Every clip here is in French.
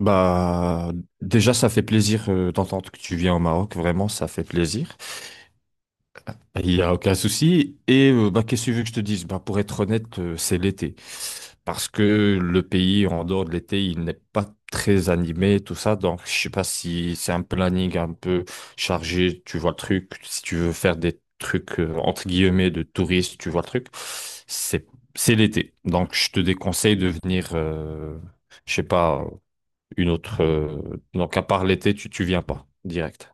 Bah, déjà, ça fait plaisir d'entendre que tu viens au Maroc. Vraiment, ça fait plaisir. Il n'y a aucun souci. Et bah, qu'est-ce que tu veux que je te dise? Bah, pour être honnête, c'est l'été. Parce que le pays, en dehors de l'été, il n'est pas très animé, tout ça. Donc, je sais pas si c'est un planning un peu chargé. Tu vois le truc. Si tu veux faire des trucs, entre guillemets, de touristes, tu vois le truc. C'est, c'est l'été. Donc, je te déconseille de venir, je sais pas une autre. Donc, à part l'été, tu viens pas direct.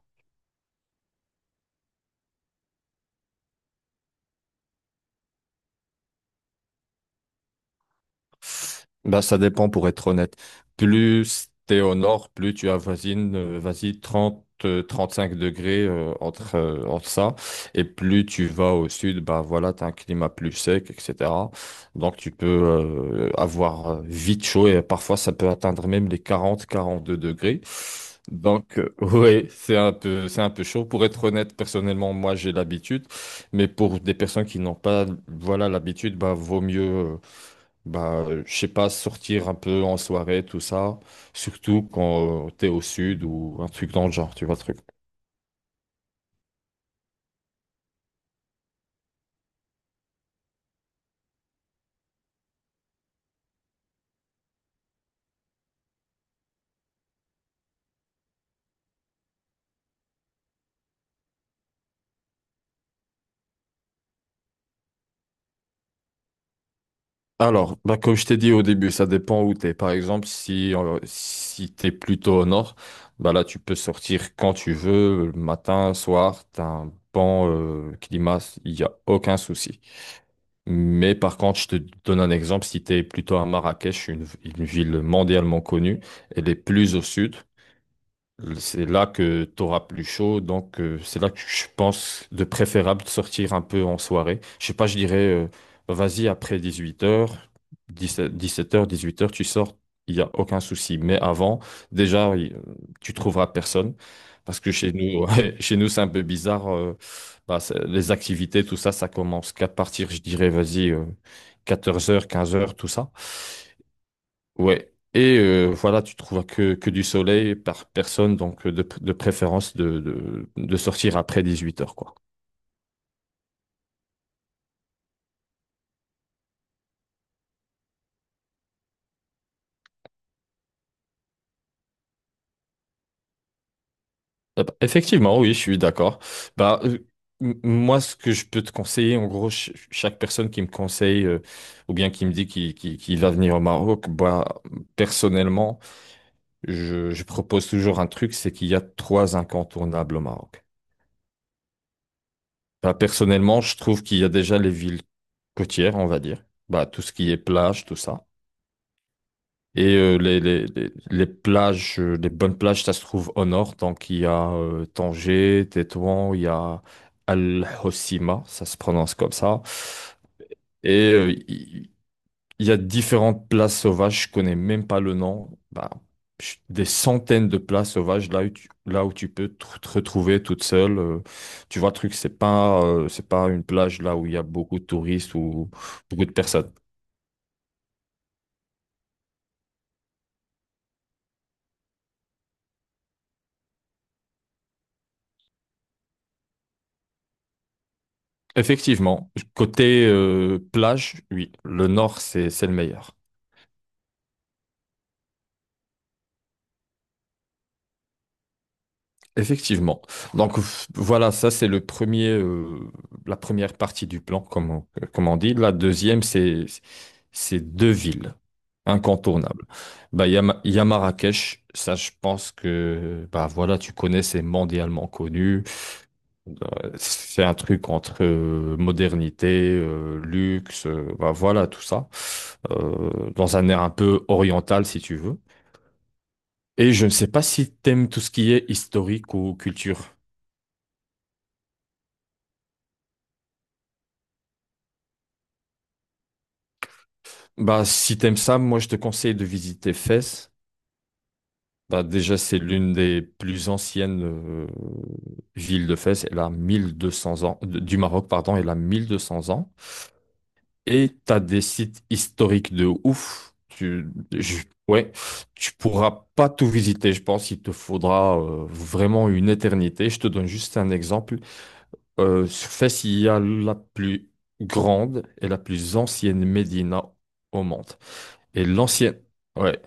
Bah, ça dépend pour être honnête. Plus t'es au nord, plus tu avoisines, vas-y, 30 cinq degrés, entre ça. Et plus tu vas au sud, bah voilà, t'as un climat plus sec, etc. Donc tu peux avoir vite chaud et parfois ça peut atteindre même les quarante, quarante deux degrés. Donc, ouais, c'est un peu chaud. Pour être honnête, personnellement, moi, j'ai l'habitude. Mais pour des personnes qui n'ont pas, voilà, l'habitude, bah, vaut mieux. euh, bah, je sais pas, sortir un peu en soirée, tout ça, surtout quand tu t'es au sud ou un truc dans le genre, tu vois, le truc. Alors, bah, comme je t'ai dit au début, ça dépend où t'es. Par exemple, si t'es plutôt au nord, bah là, tu peux sortir quand tu veux, le matin, soir, t'as un bon climat, il n'y a aucun souci. Mais par contre, je te donne un exemple, si t'es plutôt à Marrakech, une ville mondialement connue, elle est plus au sud. C'est là que tu auras plus chaud, donc c'est là que je pense de préférable de sortir un peu en soirée. Je sais pas, je dirais, vas-y après 18h, 17h, 18h, tu sors, il n'y a aucun souci. Mais avant, déjà, tu trouveras personne, parce que chez nous, ouais, chez nous c'est un peu bizarre. Bah, les activités, tout ça, ça commence qu'à partir, je dirais, vas-y, 14h, 15h, tout ça. Ouais. Et voilà, tu trouves que du soleil par personne, donc de préférence de sortir après 18h, quoi. Ah bah, effectivement, oui, je suis d'accord. Bah, moi, ce que je peux te conseiller, en gros, chaque personne qui me conseille ou bien qui me dit qu'il va venir au Maroc, bah, personnellement, je propose toujours un truc, c'est qu'il y a trois incontournables au Maroc. Bah, personnellement, je trouve qu'il y a déjà les villes côtières, on va dire. Bah, tout ce qui est plage, tout ça. Et les plages, les bonnes plages, ça se trouve au nord. Donc, il y a Tanger, Tétouan, il y a Al-Hossima, ça se prononce comme ça. Et il y a différentes places sauvages, je connais même pas le nom. Bah, des centaines de places sauvages là où tu peux te retrouver toute seule. Tu vois, le truc, c'est pas une plage là où il y a beaucoup de touristes ou beaucoup de personnes. Effectivement, côté plage, oui, le nord, c'est le meilleur. Effectivement. Donc voilà, ça c'est le premier, la première partie du plan, comme on dit. La deuxième, c'est deux villes incontournables. Bah, il y a Marrakech, ça je pense que bah voilà, tu connais, c'est mondialement connu. C'est un truc entre modernité, luxe, bah voilà, tout ça. Dans un air un peu oriental, si tu veux. Et je ne sais pas si t'aimes tout ce qui est historique ou culture. Bah, si t'aimes ça, moi je te conseille de visiter Fès. Bah, déjà, c'est l'une des plus anciennes villes de Fès. Elle a 1 200 ans, du Maroc, pardon, elle a 1 200 ans. Et t'as des sites historiques de ouf. Ouais, tu pourras pas tout visiter, je pense. Il te faudra vraiment une éternité. Je te donne juste un exemple. Sur Fès, il y a la plus grande et la plus ancienne médina au monde. Et l'ancienne, ouais.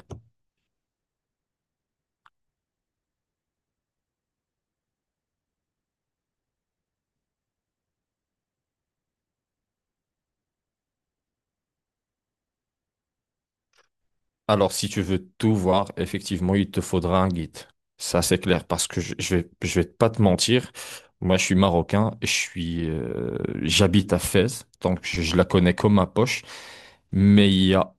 Alors, si tu veux tout voir, effectivement, il te faudra un guide. Ça, c'est clair, parce que je vais pas te mentir. Moi, je suis marocain, j'habite à Fès, donc je la connais comme ma poche. Mais il y a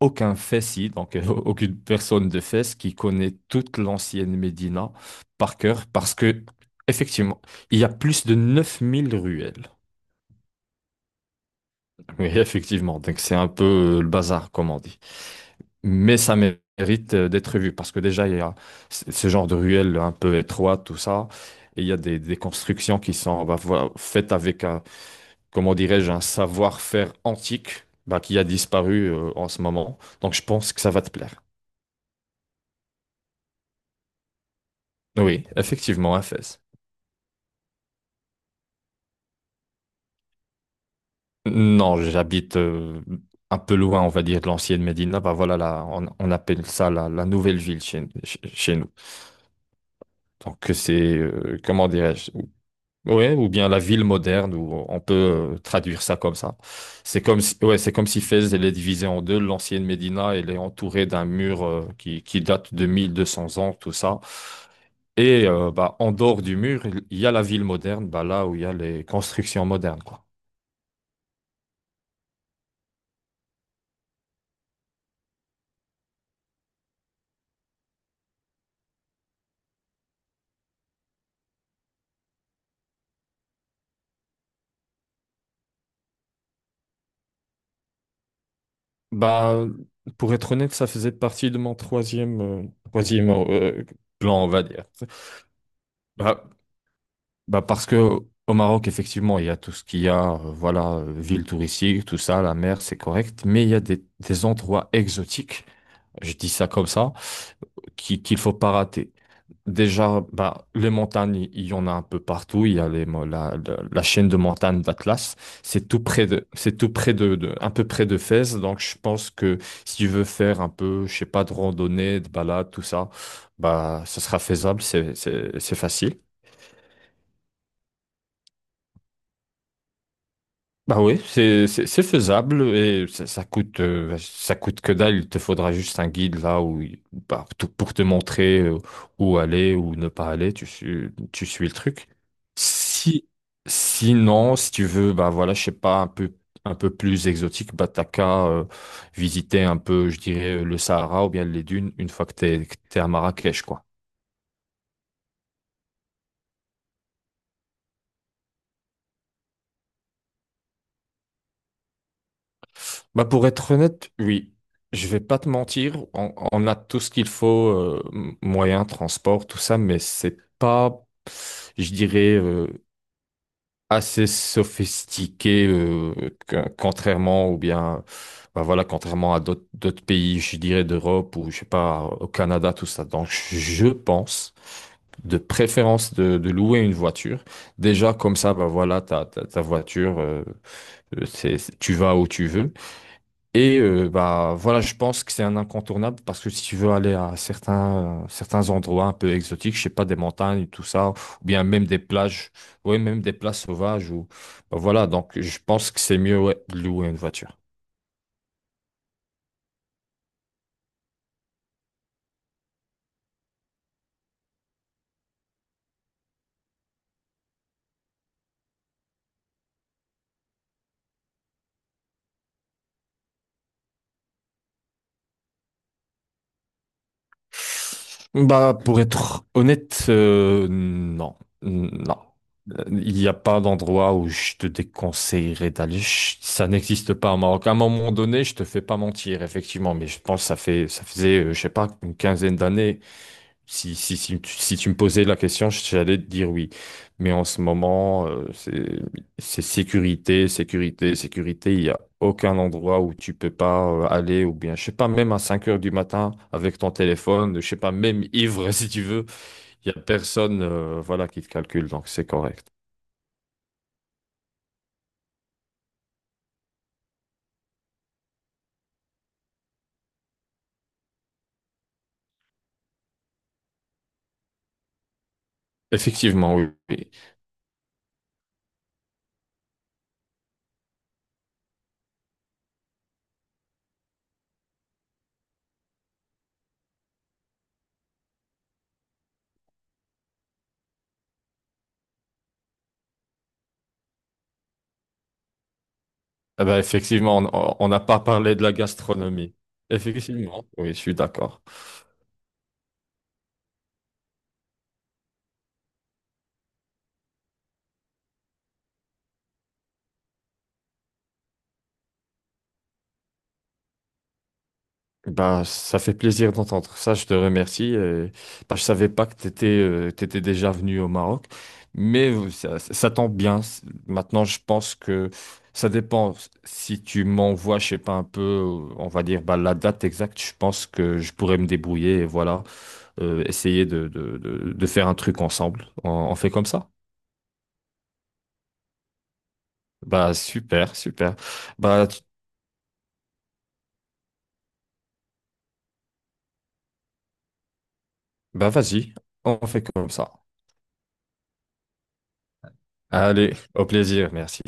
aucun fessi, donc aucune personne de Fès qui connaît toute l'ancienne Médina par cœur parce que, effectivement, il y a plus de 9 000 ruelles. Oui, effectivement, donc c'est un peu le bazar, comme on dit. Mais ça mérite d'être vu parce que déjà, il y a ce genre de ruelles un peu étroites, tout ça. Et il y a des constructions qui sont bah, voilà, faites avec un, comment dirais-je, un savoir-faire antique bah, qui a disparu en ce moment. Donc je pense que ça va te plaire. Oui, effectivement, un Non, j'habite un peu loin, on va dire, de l'ancienne Médina. Bah voilà, là, on appelle ça la nouvelle ville chez nous. Donc c'est, comment dirais-je? Ouais, ou bien la ville moderne, ou on peut traduire ça comme ça. C'est comme si Fès, elle est divisée en deux. L'ancienne Médina, elle est entourée d'un mur qui date de 1 200 ans, tout ça. Et bah, en dehors du mur, il y a la ville moderne, bah, là où il y a les constructions modernes, quoi. Bah, pour être honnête, ça faisait partie de mon troisième, troisième euh, plan, on va dire. Bah, bah, parce que au Maroc, effectivement, il y a tout ce qu'il y a, voilà, ville touristique, tout ça, la mer, c'est correct, mais il y a des endroits exotiques, je dis ça comme ça, qu'il faut pas rater. Déjà, bah, les montagnes, il y en a un peu partout. Il y a les, mo- la- la chaîne de montagnes d'Atlas. C'est tout près de, c'est tout près de- un peu près de Fès. Donc, je pense que si tu veux faire un peu, je sais pas, de randonnée, de balade, tout ça, bah, ça sera faisable. C'est facile. Bah oui, c'est faisable et ça coûte que dalle. Il te faudra juste un guide là où pour te montrer où aller ou ne pas aller. Tu suis le truc. Si Sinon si tu veux bah voilà je sais pas un peu plus exotique, bah t'as qu'à visiter un peu, je dirais le Sahara ou bien les dunes une fois que t'es à Marrakech, quoi. Bah pour être honnête, oui. Je vais pas te mentir, on a tout ce qu'il faut, moyens, transport, tout ça, mais c'est pas, je dirais, assez sophistiqué, contrairement ou bien, bah voilà, contrairement à d'autres pays, je dirais d'Europe ou je sais pas, au Canada, tout ça. Donc je pense de préférence de louer une voiture. Déjà, comme ça, bah voilà, ta voiture, tu vas où tu veux. Et bah voilà, je pense que c'est un incontournable parce que si tu veux aller à certains endroits un peu exotiques, je sais pas des montagnes tout ça, ou bien même des plages, ouais, même des places sauvages ou bah, voilà, donc je pense que c'est mieux, ouais, de louer une voiture. Bah pour être honnête, non, non. Il n'y a pas d'endroit où je te déconseillerais d'aller. Ça n'existe pas au Maroc. À un moment donné, je te fais pas mentir effectivement, mais je pense que ça fait ça faisait je sais pas une quinzaine d'années. Si tu me posais la question, j'allais te dire oui. Mais en ce moment, c'est sécurité, sécurité, sécurité. Il n'y a aucun endroit où tu peux pas aller, ou bien, je sais pas, même à 5h du matin avec ton téléphone, je sais pas, même ivre si tu veux, il n'y a personne, voilà, qui te calcule, donc c'est correct. Effectivement, oui. Oui. Eh ben, effectivement, on n'a pas parlé de la gastronomie. Effectivement, oui, je suis d'accord. Bah, ça fait plaisir d'entendre ça, je te remercie. Bah, je savais pas que tu étais déjà venu au Maroc, mais ça tombe bien. Maintenant, je pense que ça dépend. Si tu m'envoies, je sais pas, un peu, on va dire bah, la date exacte, je pense que je pourrais me débrouiller et voilà, essayer de faire un truc ensemble. On fait comme ça? Bah, super, super. Bah, tu- bah, vas-y, on fait comme ça. Allez, au plaisir, merci.